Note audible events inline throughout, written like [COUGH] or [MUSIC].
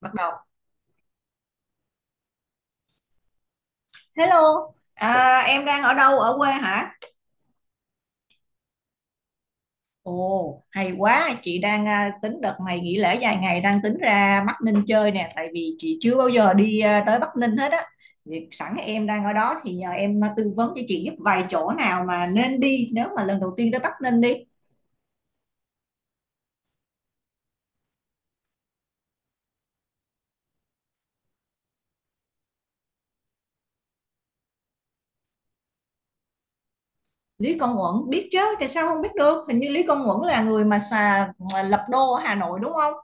Bắt đầu. Hello. À, em đang ở đâu, ở quê hả? Ồ, hay quá, chị đang tính đợt này nghỉ lễ dài ngày, đang tính ra Bắc Ninh chơi nè, tại vì chị chưa bao giờ đi tới Bắc Ninh hết á. Thì sẵn em đang ở đó thì nhờ em tư vấn cho chị giúp vài chỗ nào mà nên đi nếu mà lần đầu tiên tới Bắc Ninh đi. Lý Công Uẩn biết chứ, tại sao không biết được, hình như Lý Công Uẩn là người mà xà mà lập đô ở Hà Nội đúng không?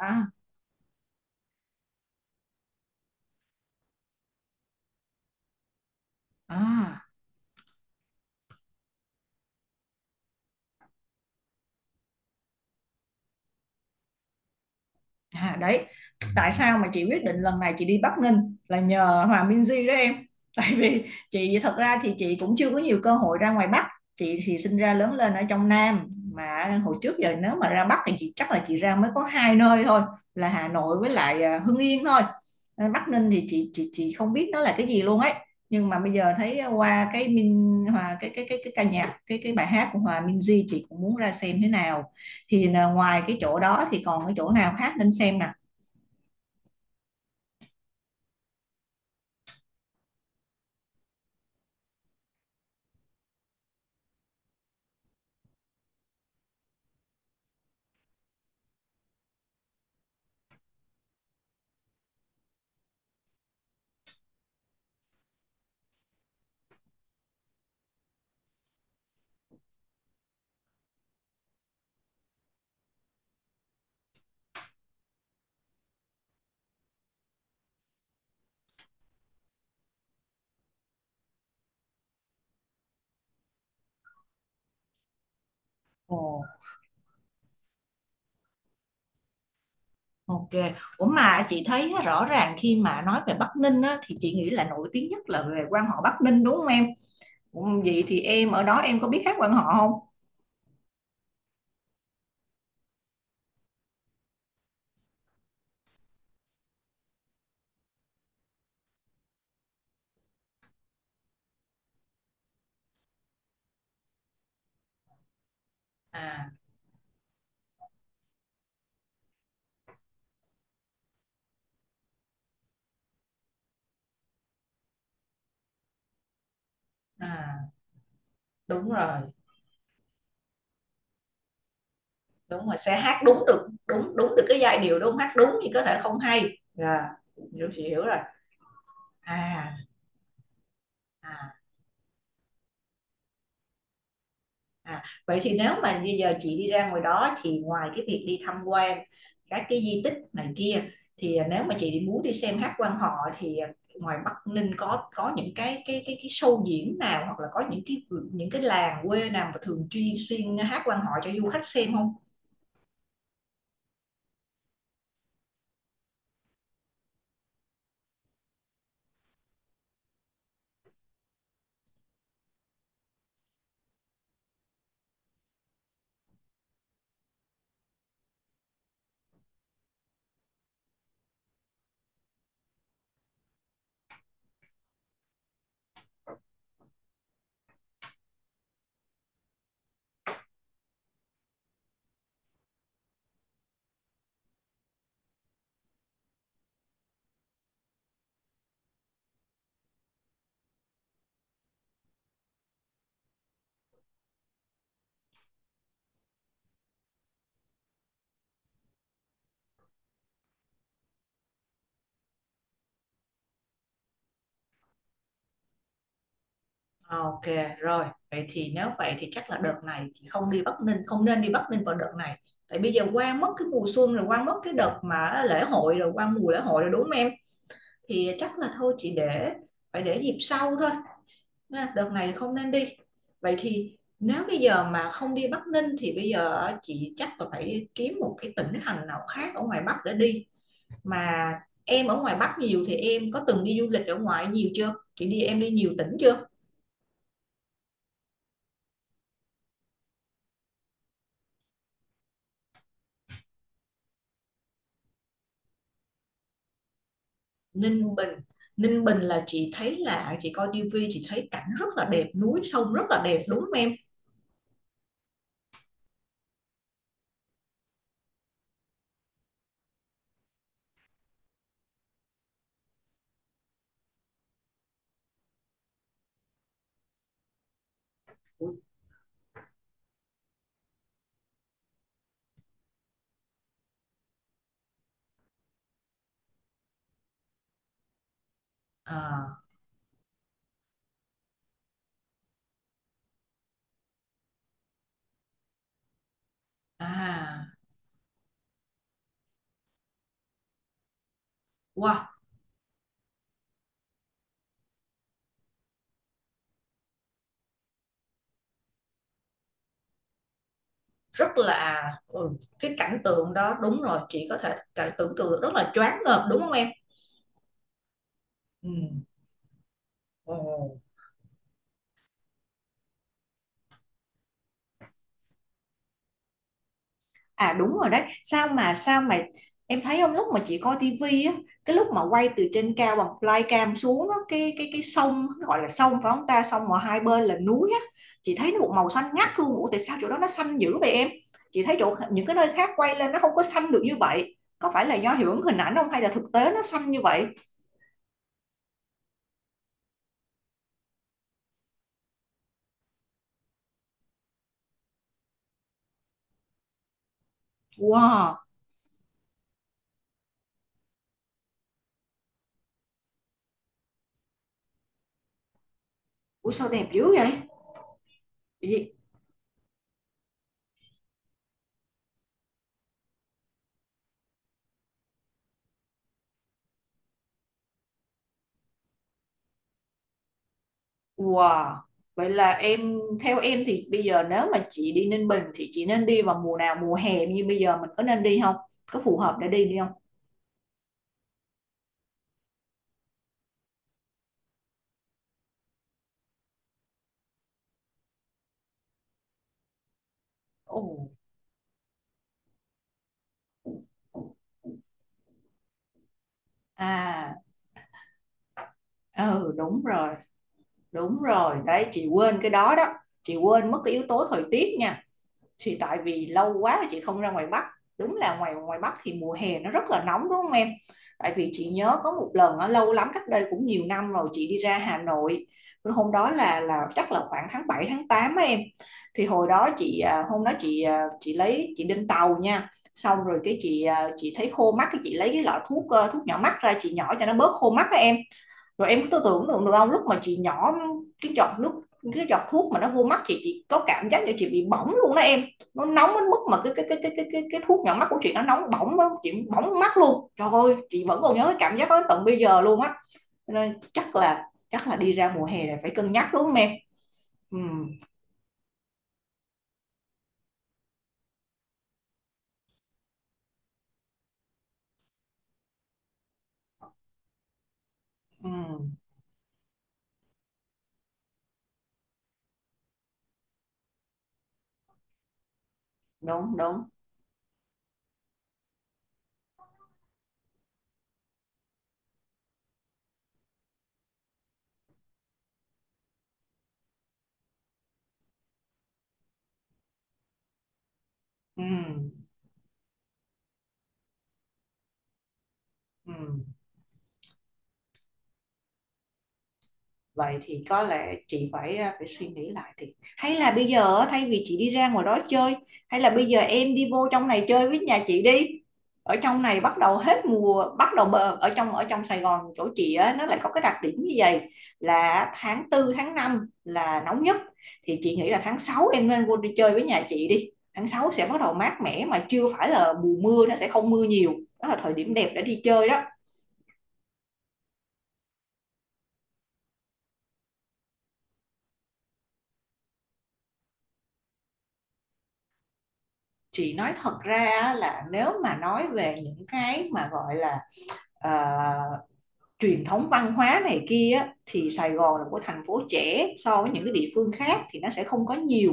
À. À. À, đấy, tại sao mà chị quyết định lần này chị đi Bắc Ninh là nhờ Hòa Minzy đó em [LAUGHS] tại vì chị thật ra thì chị cũng chưa có nhiều cơ hội ra ngoài Bắc. Chị thì sinh ra lớn lên ở trong Nam, mà hồi trước giờ nếu mà ra Bắc thì chị chắc là chị ra mới có hai nơi thôi, là Hà Nội với lại Hưng Yên thôi. Ờ, Bắc Ninh thì chị không biết nó là cái gì luôn ấy, nhưng mà bây giờ thấy qua cái ca nhạc cái bài hát của Hòa Minzy chị cũng muốn ra xem thế nào. Thì là ngoài cái chỗ đó thì còn cái chỗ nào khác nên xem nè? Ồ, ok. Ủa mà chị thấy á, rõ ràng khi mà nói về Bắc Ninh á, thì chị nghĩ là nổi tiếng nhất là về quan họ Bắc Ninh đúng không em? Ủa, vậy thì em ở đó em có biết hát quan họ không? À. À. Đúng rồi, đúng rồi. Sẽ hát đúng được, đúng đúng được cái giai điệu đúng không? Hát đúng thì có thể không hay. Dạ, chị hiểu rồi. À. À. À, vậy thì nếu mà bây giờ chị đi ra ngoài đó thì ngoài cái việc đi tham quan các cái di tích này kia, thì nếu mà chị muốn đi xem hát quan họ thì ngoài Bắc Ninh có những cái show diễn nào hoặc là có những cái, những cái làng quê nào mà thường chuyên xuyên hát quan họ cho du khách xem không? Ok rồi, vậy thì nếu vậy thì chắc là đợt này chị không đi Bắc Ninh, không nên đi Bắc Ninh vào đợt này, tại bây giờ qua mất cái mùa xuân rồi, qua mất cái đợt mà lễ hội rồi, qua mùa lễ hội rồi đúng không em? Thì chắc là thôi chị để, phải để dịp sau thôi, đợt này không nên đi. Vậy thì nếu bây giờ mà không đi Bắc Ninh thì bây giờ chị chắc là phải kiếm một cái tỉnh thành nào khác ở ngoài Bắc để đi, mà em ở ngoài Bắc nhiều thì em có từng đi du lịch ở ngoài nhiều chưa, chị đi em đi nhiều tỉnh chưa? Ninh Bình. Ninh Bình là chị thấy là chị coi tivi chị thấy cảnh rất là đẹp, núi sông rất là đẹp đúng không em? À. À. Wow. Rất là, ừ, cái cảnh tượng đó đúng rồi, chị có thể cảnh tưởng tượng rất là choáng ngợp đúng không em? Ừ. Ồ. À đúng rồi đấy, sao mà em thấy không, lúc mà chị coi tivi á, cái lúc mà quay từ trên cao bằng flycam xuống á, cái sông, cái gọi là sông phải không ta, sông mà hai bên là núi á, chị thấy nó một màu xanh ngắt luôn. Ủa tại sao chỗ đó nó xanh dữ vậy em? Chị thấy chỗ những cái nơi khác quay lên nó không có xanh được như vậy. Có phải là do hiệu ứng hình ảnh không hay là thực tế nó xanh như vậy? Wow, ủa sao đẹp dữ vậy? Wow. Vậy là em, theo em thì bây giờ nếu mà chị đi Ninh Bình thì chị nên đi vào mùa nào, mùa hè như bây giờ mình có nên đi không? Có phù hợp để đi đi không? Ồ. À, ừ đúng rồi, đúng rồi. Đấy chị quên cái đó đó. Chị quên mất cái yếu tố thời tiết nha. Thì tại vì lâu quá là chị không ra ngoài Bắc, đúng là ngoài ngoài Bắc thì mùa hè nó rất là nóng đúng không em, tại vì chị nhớ có một lần á, lâu lắm cách đây cũng nhiều năm rồi chị đi ra Hà Nội, hôm đó là chắc là khoảng tháng 7 tháng 8 á em, thì hồi đó chị hôm đó chị chị lấy chị lên tàu nha, xong rồi cái chị chị thấy khô mắt cái chị lấy cái lọ thuốc, thuốc nhỏ mắt ra chị nhỏ cho nó bớt khô mắt á em, rồi em cứ tưởng tượng được không, lúc mà chị nhỏ cái giọt nước, cái giọt thuốc mà nó vô mắt chị có cảm giác như chị bị bỏng luôn đó em. Nó nóng đến mức mà cái thuốc nhỏ mắt của chị nó nóng bỏng đó. Chị bỏng mắt luôn, trời ơi chị vẫn còn nhớ cái cảm giác đó đến tận bây giờ luôn á, nên chắc là đi ra mùa hè là phải cân nhắc đúng không em? Ừ, ừ, đúng đúng. Ừ, ừ. Vậy thì có lẽ chị phải phải suy nghĩ lại thì, hay là bây giờ thay vì chị đi ra ngoài đó chơi, hay là bây giờ em đi vô trong này chơi với nhà chị đi. Ở trong này bắt đầu hết mùa bắt đầu ở trong, ở trong Sài Gòn chỗ chị á nó lại có cái đặc điểm như vậy, là tháng 4 tháng 5 là nóng nhất. Thì chị nghĩ là tháng 6 em nên vô đi chơi với nhà chị đi, tháng 6 sẽ bắt đầu mát mẻ mà chưa phải là mùa mưa, nó sẽ không mưa nhiều, đó là thời điểm đẹp để đi chơi đó. Chị nói thật ra là nếu mà nói về những cái mà gọi là ờ, truyền thống văn hóa này kia thì Sài Gòn là một thành phố trẻ so với những cái địa phương khác thì nó sẽ không có nhiều,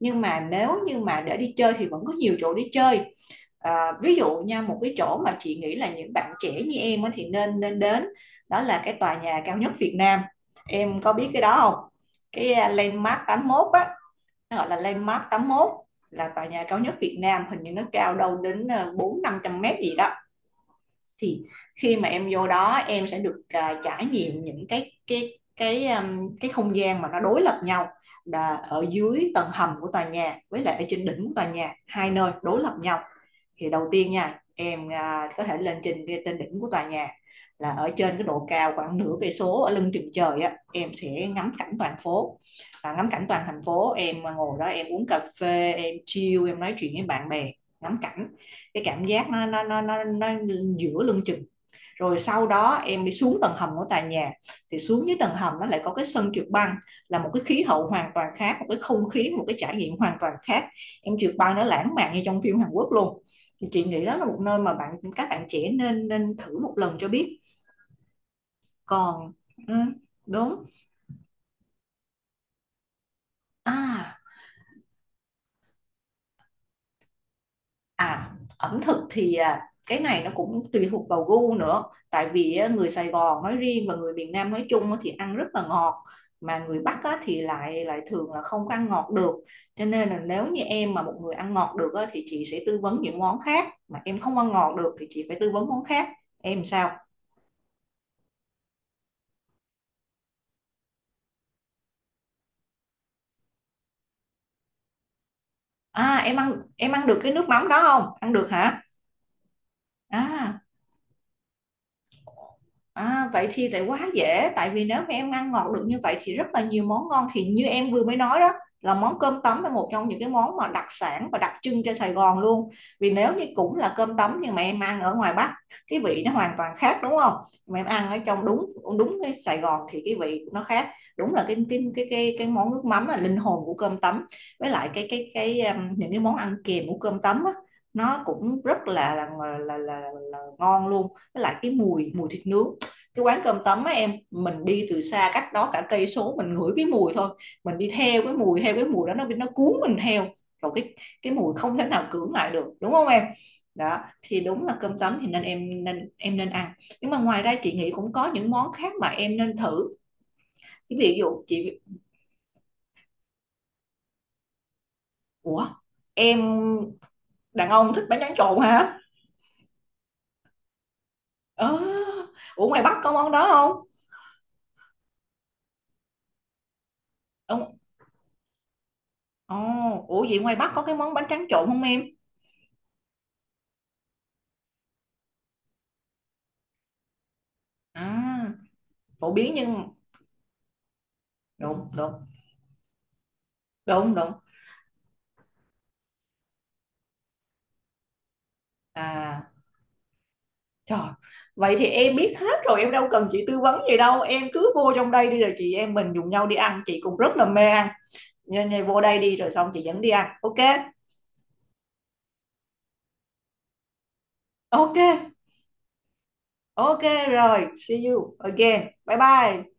nhưng mà nếu như mà để đi chơi thì vẫn có nhiều chỗ đi chơi. À, ví dụ nha, một cái chỗ mà chị nghĩ là những bạn trẻ như em thì nên nên đến đó là cái tòa nhà cao nhất Việt Nam, em có biết cái đó không? Cái Landmark 81 á, nó gọi là Landmark 81, là tòa nhà cao nhất Việt Nam, hình như nó cao đâu đến 400-500 mét gì đó. Thì khi mà em vô đó em sẽ được trải nghiệm những cái cái không gian mà nó đối lập nhau, là ở dưới tầng hầm của tòa nhà với lại ở trên đỉnh của tòa nhà, hai nơi đối lập nhau. Thì đầu tiên nha em có thể lên trên trên đỉnh của tòa nhà, là ở trên cái độ cao khoảng nửa cây số ở lưng chừng trời á, em sẽ ngắm cảnh toàn phố và ngắm cảnh toàn thành phố, em ngồi đó em uống cà phê em chill em nói chuyện với bạn bè, ngắm cảnh, cái cảm giác nó nó giữa lưng chừng. Rồi sau đó em đi xuống tầng hầm của tòa nhà, thì xuống dưới tầng hầm nó lại có cái sân trượt băng, là một cái khí hậu hoàn toàn khác, một cái không khí, một cái trải nghiệm hoàn toàn khác, em trượt băng nó lãng mạn như trong phim Hàn Quốc luôn. Thì chị nghĩ đó là một nơi mà bạn các bạn trẻ nên nên thử một lần cho biết. Còn, ừ, đúng. À. À, ẩm thực thì cái này nó cũng tùy thuộc vào gu nữa. Tại vì á, người Sài Gòn nói riêng và người miền Nam nói chung á thì ăn rất là ngọt, mà người Bắc á, thì lại lại thường là không có ăn ngọt được. Cho nên là nếu như em mà một người ăn ngọt được á, thì chị sẽ tư vấn những món khác, mà em không ăn ngọt được thì chị phải tư vấn món khác. Em sao? À, em ăn được cái nước mắm đó không? Ăn được hả? À. À, vậy thì lại quá dễ, tại vì nếu mà em ăn ngọt được như vậy thì rất là nhiều món ngon, thì như em vừa mới nói đó là món cơm tấm là một trong những cái món mà đặc sản và đặc trưng cho Sài Gòn luôn. Vì nếu như cũng là cơm tấm nhưng mà em ăn ở ngoài Bắc cái vị nó hoàn toàn khác đúng không, mà em ăn ở trong, đúng đúng, cái Sài Gòn thì cái vị nó khác, đúng là cái món nước mắm là linh hồn của cơm tấm, với lại cái những cái món ăn kèm của cơm tấm á, nó cũng rất là là ngon luôn, với lại cái mùi mùi thịt nướng, cái quán cơm tấm á em, mình đi từ xa cách đó cả cây số mình ngửi cái mùi thôi, mình đi theo cái mùi, theo cái mùi đó nó cuốn mình theo, rồi cái mùi không thể nào cưỡng lại được đúng không em? Đó thì đúng là cơm tấm thì nên em nên em nên ăn, nhưng mà ngoài ra chị nghĩ cũng có những món khác mà em nên thử, ví dụ chị. Ủa, em đàn ông thích bánh tráng trộn hả? Ờ, ủa ngoài Bắc có món đó không? Ông. Ồ. Ủa vậy ngoài Bắc có cái món bánh tráng trộn không em? À. Phổ biến nhưng, đúng đúng, đúng đúng. À. Trời, vậy thì em biết hết rồi, em đâu cần chị tư vấn gì đâu, em cứ vô trong đây đi rồi chị em mình dùng nhau đi ăn, chị cũng rất là mê ăn, nên nên vô đây đi rồi xong chị dẫn đi ăn. Ok. Ok. Ok rồi, see you again, bye bye.